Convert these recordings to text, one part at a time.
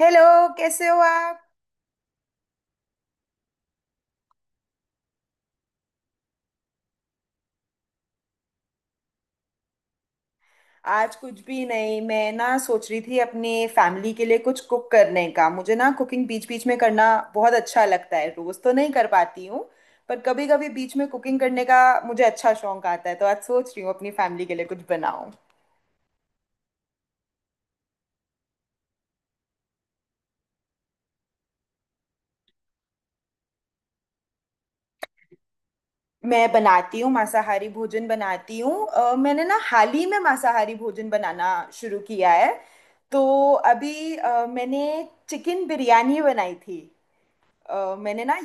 Hello. कैसे हो आप? आज कुछ भी नहीं, मैं ना सोच रही थी अपने फैमिली के लिए कुछ कुक करने का। मुझे ना कुकिंग बीच बीच में करना बहुत अच्छा लगता है। रोज तो नहीं कर पाती हूँ, पर कभी कभी बीच में कुकिंग करने का मुझे अच्छा शौक आता है। तो आज सोच रही हूँ अपनी फैमिली के लिए कुछ बनाऊं। मैं बनाती हूँ मांसाहारी भोजन, बनाती हूँ। मैंने ना हाल ही में मांसाहारी भोजन बनाना शुरू किया है। तो अभी मैंने चिकन बिरयानी बनाई थी। अ, मैंने ना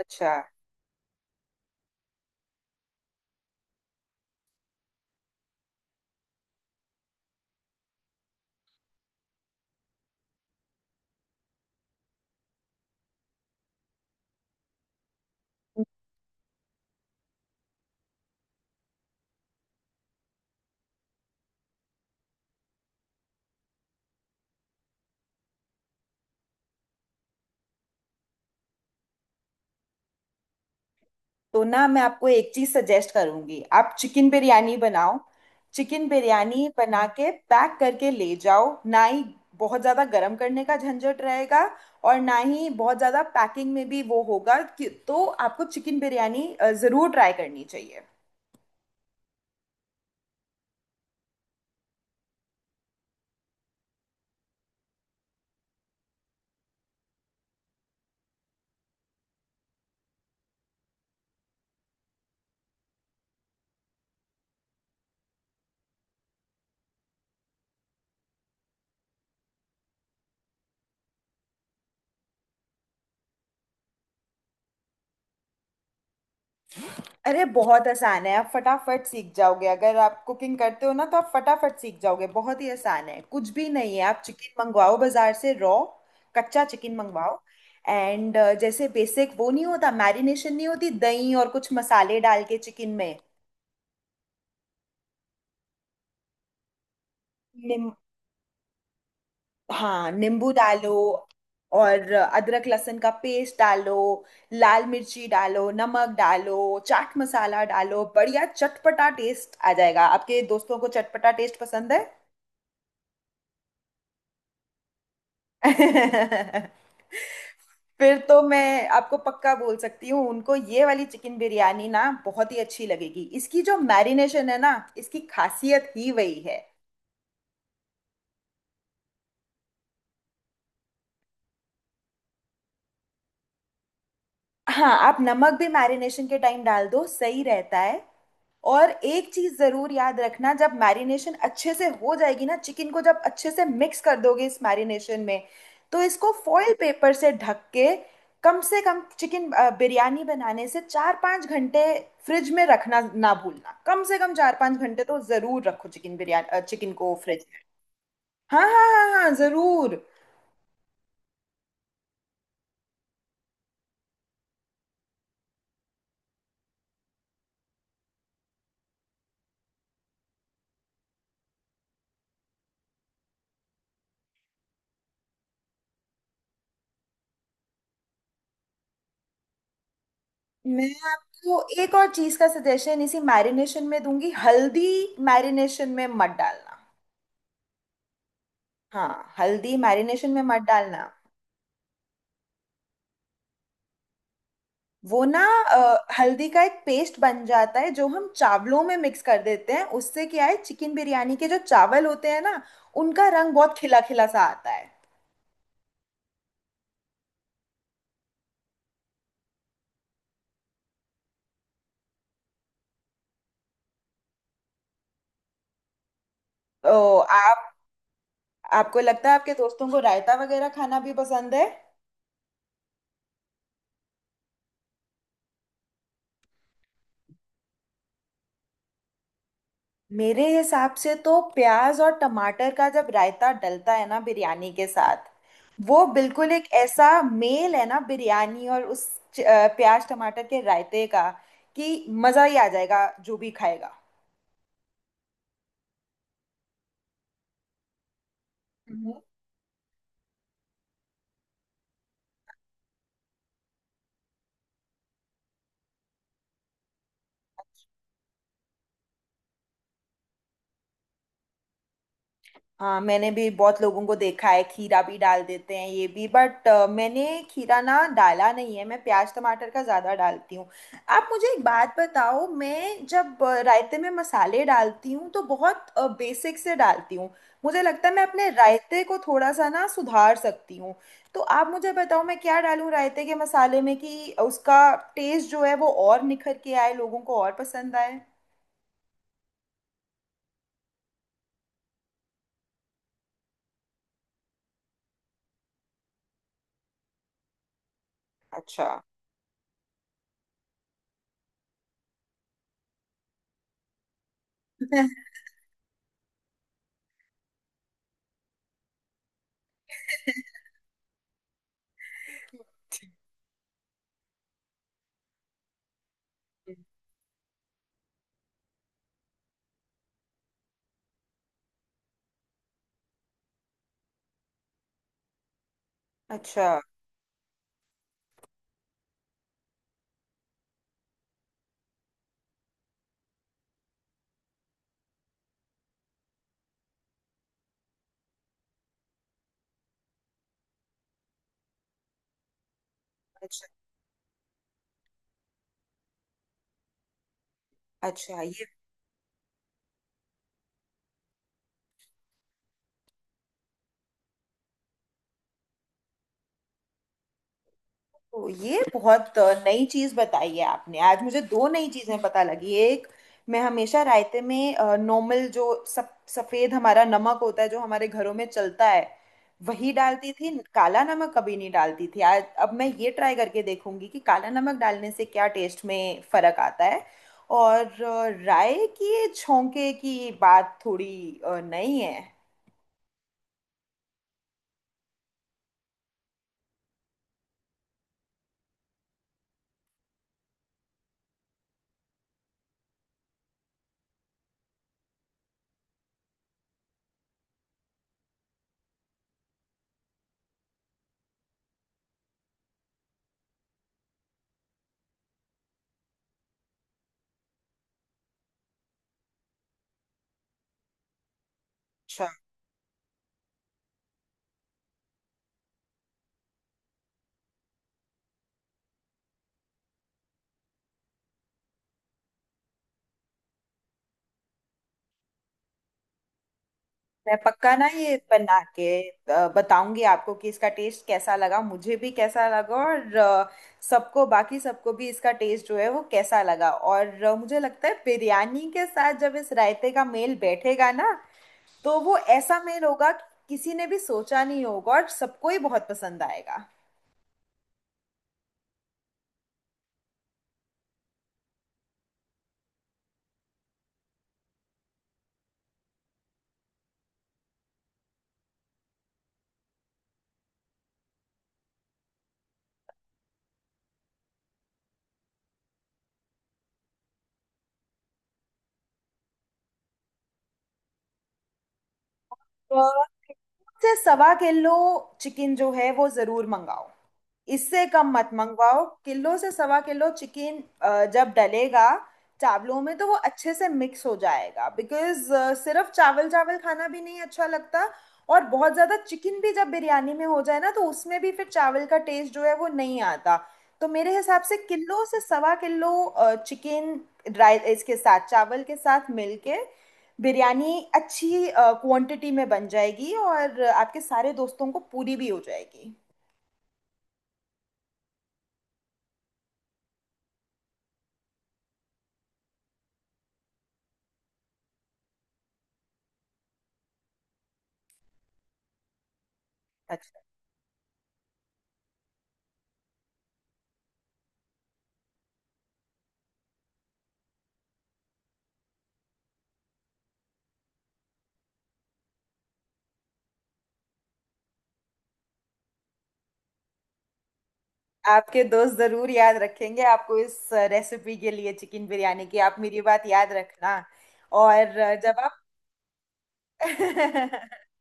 अच्छा, तो ना मैं आपको एक चीज सजेस्ट करूंगी, आप चिकन बिरयानी बनाओ। चिकन बिरयानी बना के पैक करके ले जाओ। ना ही बहुत ज्यादा गर्म करने का झंझट रहेगा, और ना ही बहुत ज्यादा पैकिंग में भी वो होगा कि, तो आपको चिकन बिरयानी जरूर ट्राई करनी चाहिए। अरे बहुत आसान है, आप फटाफट सीख जाओगे। अगर आप कुकिंग करते हो ना, तो आप फटाफट सीख जाओगे। बहुत ही आसान है, कुछ भी नहीं है। आप चिकन मंगवाओ बाजार से, रॉ, कच्चा चिकन मंगवाओ। एंड जैसे बेसिक वो नहीं होता मैरिनेशन, नहीं होती? दही और कुछ मसाले डाल के चिकन में। निम हाँ, नींबू डालो, और अदरक लहसुन का पेस्ट डालो, लाल मिर्ची डालो, नमक डालो, चाट मसाला डालो। बढ़िया चटपटा टेस्ट आ जाएगा। आपके दोस्तों को चटपटा टेस्ट पसंद है? फिर तो मैं आपको पक्का बोल सकती हूँ, उनको ये वाली चिकन बिरयानी ना बहुत ही अच्छी लगेगी। इसकी जो मैरिनेशन है ना, इसकी खासियत ही वही है। हाँ, आप नमक भी मैरिनेशन के टाइम डाल दो, सही रहता है। और एक चीज जरूर याद रखना, जब मैरिनेशन अच्छे से हो जाएगी ना, चिकन को जब अच्छे से मिक्स कर दोगे इस मैरिनेशन में, तो इसको फॉइल पेपर से ढक के कम से कम चिकन बिरयानी बनाने से चार पाँच घंटे फ्रिज में रखना ना भूलना। कम से कम चार पाँच घंटे तो जरूर रखो चिकन बिरयानी, चिकन को फ्रिज में। हाँ हाँ हाँ हाँ, जरूर। मैं आपको एक और चीज का सजेशन इसी मैरिनेशन में दूंगी, हल्दी मैरिनेशन में मत डालना। हाँ, हल्दी मैरिनेशन में मत डालना। वो ना, हल्दी का एक पेस्ट बन जाता है जो हम चावलों में मिक्स कर देते हैं। उससे क्या है, चिकन बिरयानी के जो चावल होते हैं ना, उनका रंग बहुत खिला खिला सा आता है। तो आप आपको लगता है आपके दोस्तों को रायता वगैरह खाना भी पसंद है? मेरे हिसाब से तो प्याज और टमाटर का जब रायता डलता है ना बिरयानी के साथ, वो बिल्कुल एक ऐसा मेल है ना बिरयानी और उस प्याज टमाटर के रायते का, कि मज़ा ही आ जाएगा जो भी खाएगा। हाँ, मैंने भी बहुत लोगों को देखा है, खीरा भी डाल देते हैं ये भी, बट मैंने खीरा ना डाला नहीं है। मैं प्याज टमाटर का ज़्यादा डालती हूँ। आप मुझे एक बात बताओ, मैं जब रायते में मसाले डालती हूँ तो बहुत बेसिक से डालती हूँ। मुझे लगता है मैं अपने रायते को थोड़ा सा ना सुधार सकती हूँ। तो आप मुझे बताओ, मैं क्या डालूँ रायते के मसाले में कि उसका टेस्ट जो है वो और निखर के आए, लोगों को और पसंद आए। अच्छा। अच्छा। अच्छा अच्छा। ये बहुत नई चीज बताई है आपने। आज मुझे दो नई चीजें पता लगी। एक, मैं हमेशा रायते में नॉर्मल जो सब सफेद हमारा नमक होता है जो हमारे घरों में चलता है, वही डालती थी, काला नमक कभी नहीं डालती थी। आज अब मैं ये ट्राई करके देखूंगी कि काला नमक डालने से क्या टेस्ट में फर्क आता है। और राय की छोंके की बात थोड़ी नई है। अच्छा। मैं पक्का ना ये बना के बताऊंगी आपको कि इसका टेस्ट कैसा लगा, मुझे भी कैसा लगा, और सबको, बाकी सबको भी इसका टेस्ट जो है वो कैसा लगा। और मुझे लगता है बिरयानी के साथ जब इस रायते का मेल बैठेगा ना, तो वो ऐसा मेल होगा कि किसी ने भी सोचा नहीं होगा, और सबको ही बहुत पसंद आएगा। तो मुझे सवा किलो चिकन जो है वो ज़रूर मंगाओ, इससे कम मत मंगवाओ। किलो से सवा किलो चिकन जब डलेगा चावलों में, तो वो अच्छे से मिक्स हो जाएगा। बिकॉज सिर्फ चावल चावल खाना भी नहीं अच्छा लगता, और बहुत ज्यादा चिकन भी जब बिरयानी में हो जाए ना, तो उसमें भी फिर चावल का टेस्ट जो है वो नहीं आता। तो मेरे हिसाब से किलो से सवा किलो चिकन ड्राई, इसके साथ चावल के साथ मिलके बिरयानी अच्छी क्वांटिटी में बन जाएगी, और आपके सारे दोस्तों को पूरी भी हो जाएगी। अच्छा। आपके दोस्त जरूर याद रखेंगे आपको इस रेसिपी के लिए, चिकन बिरयानी की। आप मेरी बात याद रखना। और जब आप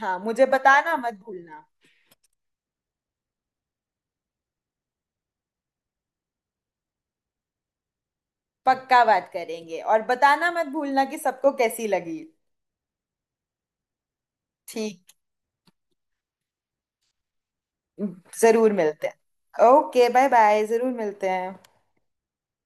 हाँ, मुझे बताना मत भूलना। पक्का बात करेंगे, और बताना मत भूलना कि सबको कैसी लगी। ठीक। जरूर मिलते हैं। Okay, bye bye. जरूर मिलते हैं।